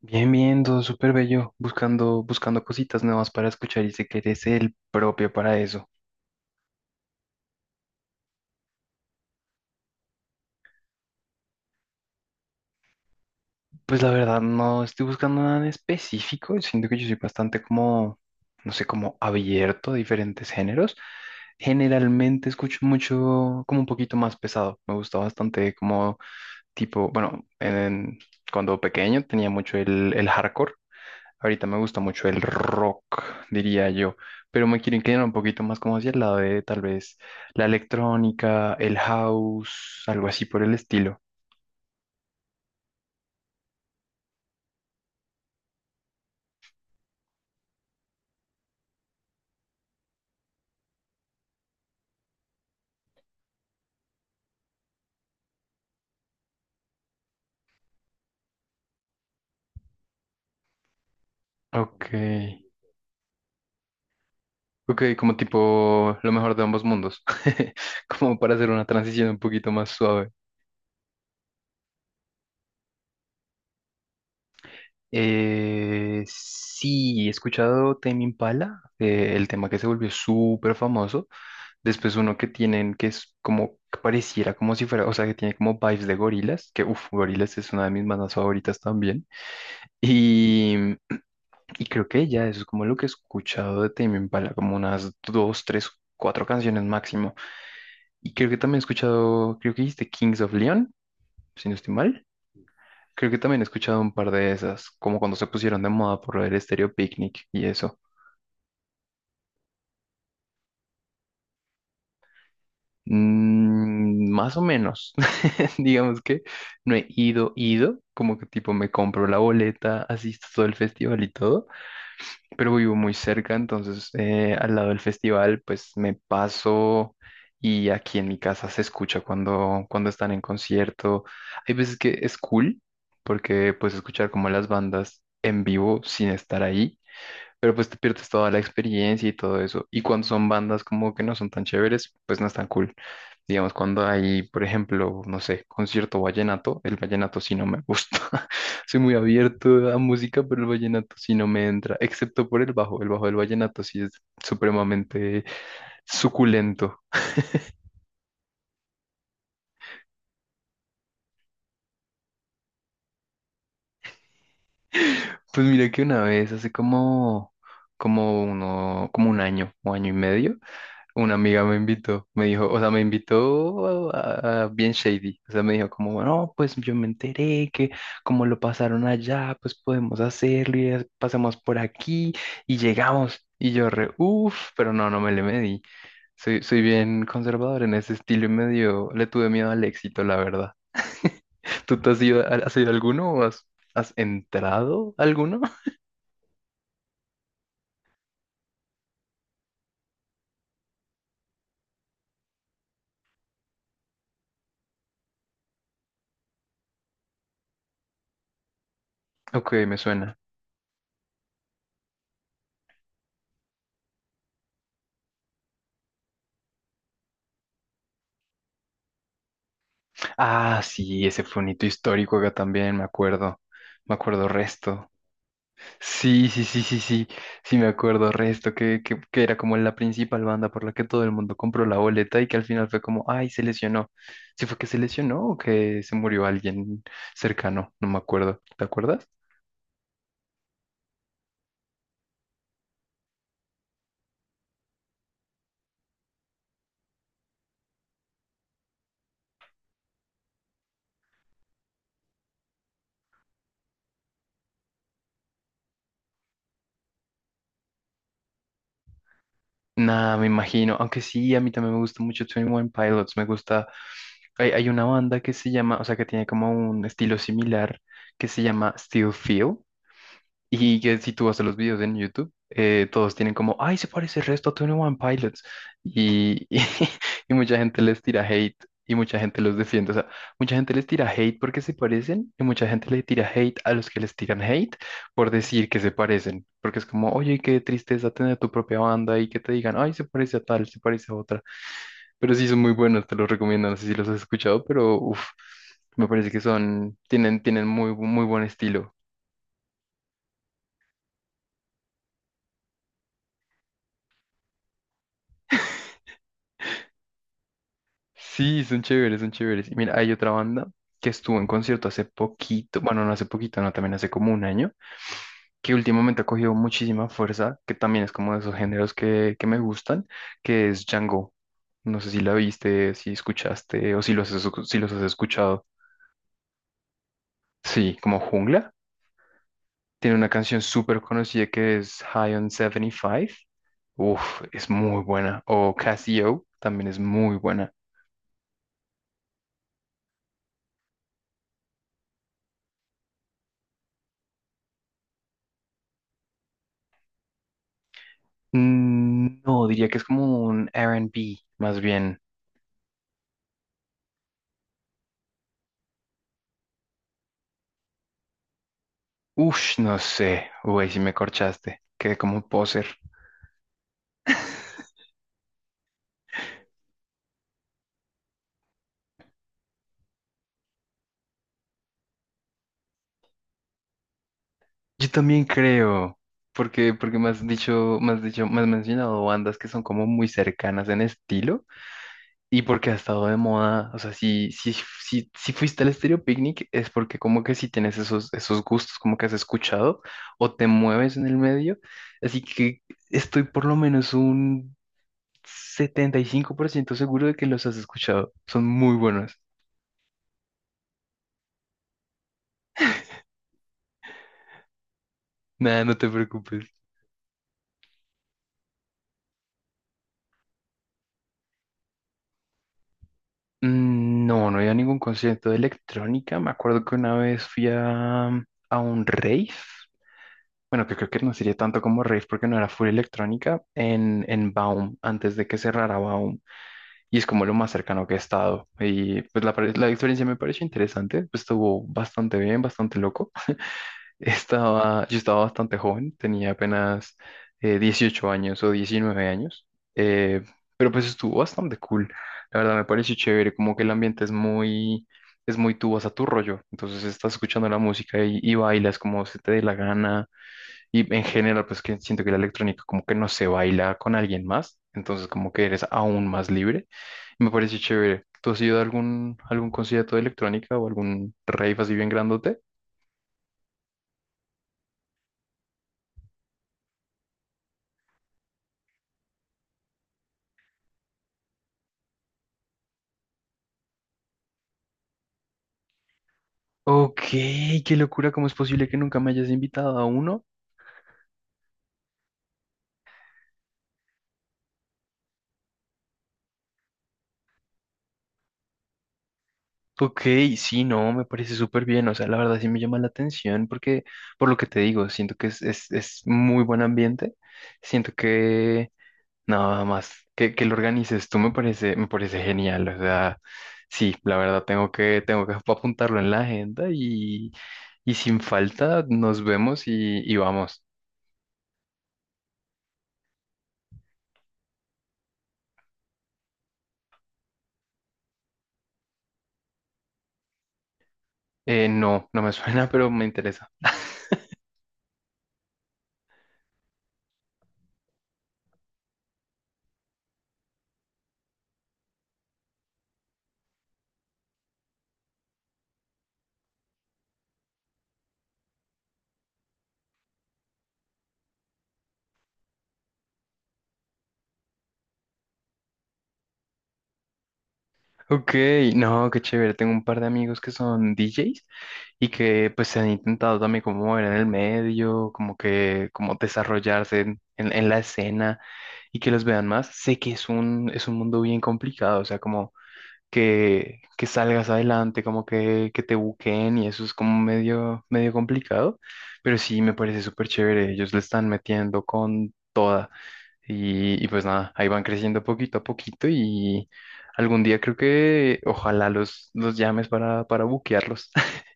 Bien, bien, todo súper bello, buscando cositas nuevas para escuchar y sé que eres el propio para eso. Pues la verdad no estoy buscando nada en específico, siento que yo soy bastante como, no sé, como abierto a diferentes géneros. Generalmente escucho mucho, como un poquito más pesado, me gusta bastante como tipo, bueno, cuando pequeño tenía mucho el hardcore. Ahorita me gusta mucho el rock, diría yo, pero me quiero inclinar un poquito más como hacia el lado de tal vez la electrónica, el house, algo así por el estilo. Ok, ok, como tipo lo mejor de ambos mundos, como para hacer una transición un poquito más suave. Sí, he escuchado Tame Impala, el tema que se volvió súper famoso. Después uno que tienen que es como que pareciera como si fuera, o sea, que tiene como vibes de gorilas, que uff, gorilas es una de mis bandas favoritas también. Y, y creo que ya eso es como lo que he escuchado de Tame Impala, como unas dos, tres, cuatro canciones máximo. Y creo que también he escuchado, creo que dijiste Kings of Leon, si no estoy mal. Creo que también he escuchado un par de esas, como cuando se pusieron de moda por el Stereo Picnic y eso. Mm, más o menos. Digamos que no he ido, como que tipo me compro la boleta, asisto todo el festival y todo, pero vivo muy cerca, entonces al lado del festival pues me paso y aquí en mi casa se escucha cuando están en concierto. Hay veces que es cool porque puedes escuchar como las bandas en vivo sin estar ahí pero pues te pierdes toda la experiencia y todo eso. Y cuando son bandas como que no son tan chéveres, pues no es tan cool. Digamos, cuando hay, por ejemplo, no sé, concierto vallenato, el vallenato sí no me gusta. Soy muy abierto a música, pero el vallenato sí no me entra, excepto por el bajo. El bajo del vallenato sí es supremamente suculento. Pues mira que una vez, hace como, como uno, como un año o año y medio, una amiga me invitó, me dijo, o sea, me invitó a, bien shady, o sea, me dijo como, no, pues yo me enteré que como lo pasaron allá, pues podemos hacerlo y pasamos por aquí y llegamos. Y yo re, uff, pero no, no me le medí. Soy bien conservador en ese estilo y medio, le tuve miedo al éxito, la verdad. ¿Tú te has ido, has ido a alguno o has, has entrado a alguno? Ok, me suena. Ah, sí, ese fue un hito histórico acá también, me acuerdo. Me acuerdo resto. Sí, sí, sí, sí, sí. Sí, me acuerdo resto, que era como la principal banda por la que todo el mundo compró la boleta y que al final fue como, ay, se lesionó. ¿Sí fue que se lesionó o que se murió alguien cercano? No me acuerdo. ¿Te acuerdas? Nada, me imagino. Aunque sí, a mí también me gusta mucho 21 Pilots. Me gusta. Hay una banda que se llama, o sea, que tiene como un estilo similar que se llama Steel Feel. Y que si tú vas a los videos en YouTube, todos tienen como, ay, se parece el resto a Twenty One Pilots. Y, y, y mucha gente les tira hate y mucha gente los defiende. O sea, mucha gente les tira hate porque se parecen y mucha gente le tira hate a los que les tiran hate por decir que se parecen. Porque es como, oye, qué tristeza tener tu propia banda y que te digan, ay, se parece a tal, se parece a otra. Pero sí son muy buenos, te los recomiendo. No sé si los has escuchado, pero uff, me parece que son, tienen, tienen muy, muy buen estilo. Sí, son chéveres, son chéveres. Y mira, hay otra banda que estuvo en concierto hace poquito, bueno, no hace poquito, no, también hace como un año, que últimamente ha cogido muchísima fuerza, que también es como de esos géneros que me gustan, que es Django. No sé si la viste, si escuchaste o si los has, si los has escuchado. Sí, como Jungla. Tiene una canción súper conocida que es High on 75. Uf, es muy buena. O Casio también es muy buena. No diría que es como un R and R&B, más bien. Ush, no sé. Uy, si me corchaste. Quedé como un poser. Yo también creo, porque me has dicho, me has dicho, me has mencionado bandas que son como muy cercanas en estilo y porque ha estado de moda. O sea, si, si, si, si fuiste al Estéreo Picnic es porque como que si tienes esos, esos gustos, como que has escuchado o te mueves en el medio. Así que estoy por lo menos un 75% seguro de que los has escuchado. Son muy buenos. Nada, no te preocupes. No no había ningún concierto de electrónica. Me acuerdo que una vez fui a un rave. Bueno, que creo que no sería tanto como rave porque no era full electrónica en Baum, antes de que cerrara Baum. Y es como lo más cercano que he estado. Y pues la, la experiencia me pareció interesante. Pues estuvo bastante bien, bastante loco. Estaba, yo estaba bastante joven, tenía apenas 18 años o 19 años, eh, pero pues estuvo bastante cool. La verdad me pareció chévere, como que el ambiente es muy tú vas a tu rollo. Entonces estás escuchando la música y bailas como se te dé la gana. Y en general, pues que siento que la electrónica como que no se baila con alguien más, entonces como que eres aún más libre. Y me pareció chévere. ¿Tú has ido a algún, algún concierto de electrónica o algún rave así bien grandote? Ok, qué locura, ¿cómo es posible que nunca me hayas invitado a uno? Ok, sí, no, me parece súper bien, o sea, la verdad sí me llama la atención porque, por lo que te digo, siento que es muy buen ambiente, siento que nada más que lo organices tú me parece genial, o sea, sí, la verdad tengo tengo que apuntarlo en la agenda y sin falta nos vemos y vamos. No me suena, pero me interesa. Ok, no, qué chévere. Tengo un par de amigos que son DJs y que pues se han intentado también como mover en el medio, como que como desarrollarse en, en la escena y que los vean más. Sé que es un mundo bien complicado, o sea, como que salgas adelante, como que te buqueen y eso es como medio, medio complicado, pero sí me parece súper chévere. Ellos le están metiendo con toda. Y pues nada, ahí van creciendo poquito a poquito y algún día creo que ojalá los llames para buquearlos.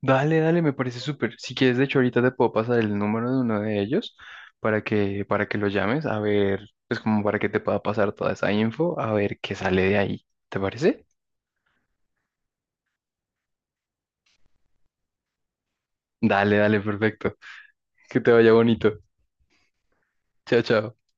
Dale, dale, me parece súper. Si quieres, de hecho, ahorita te puedo pasar el número de uno de ellos para para que lo llames, a ver, pues como para que te pueda pasar toda esa info, a ver qué sale de ahí. ¿Te parece? Dale, dale, perfecto. Que te vaya bonito. Chao, chao.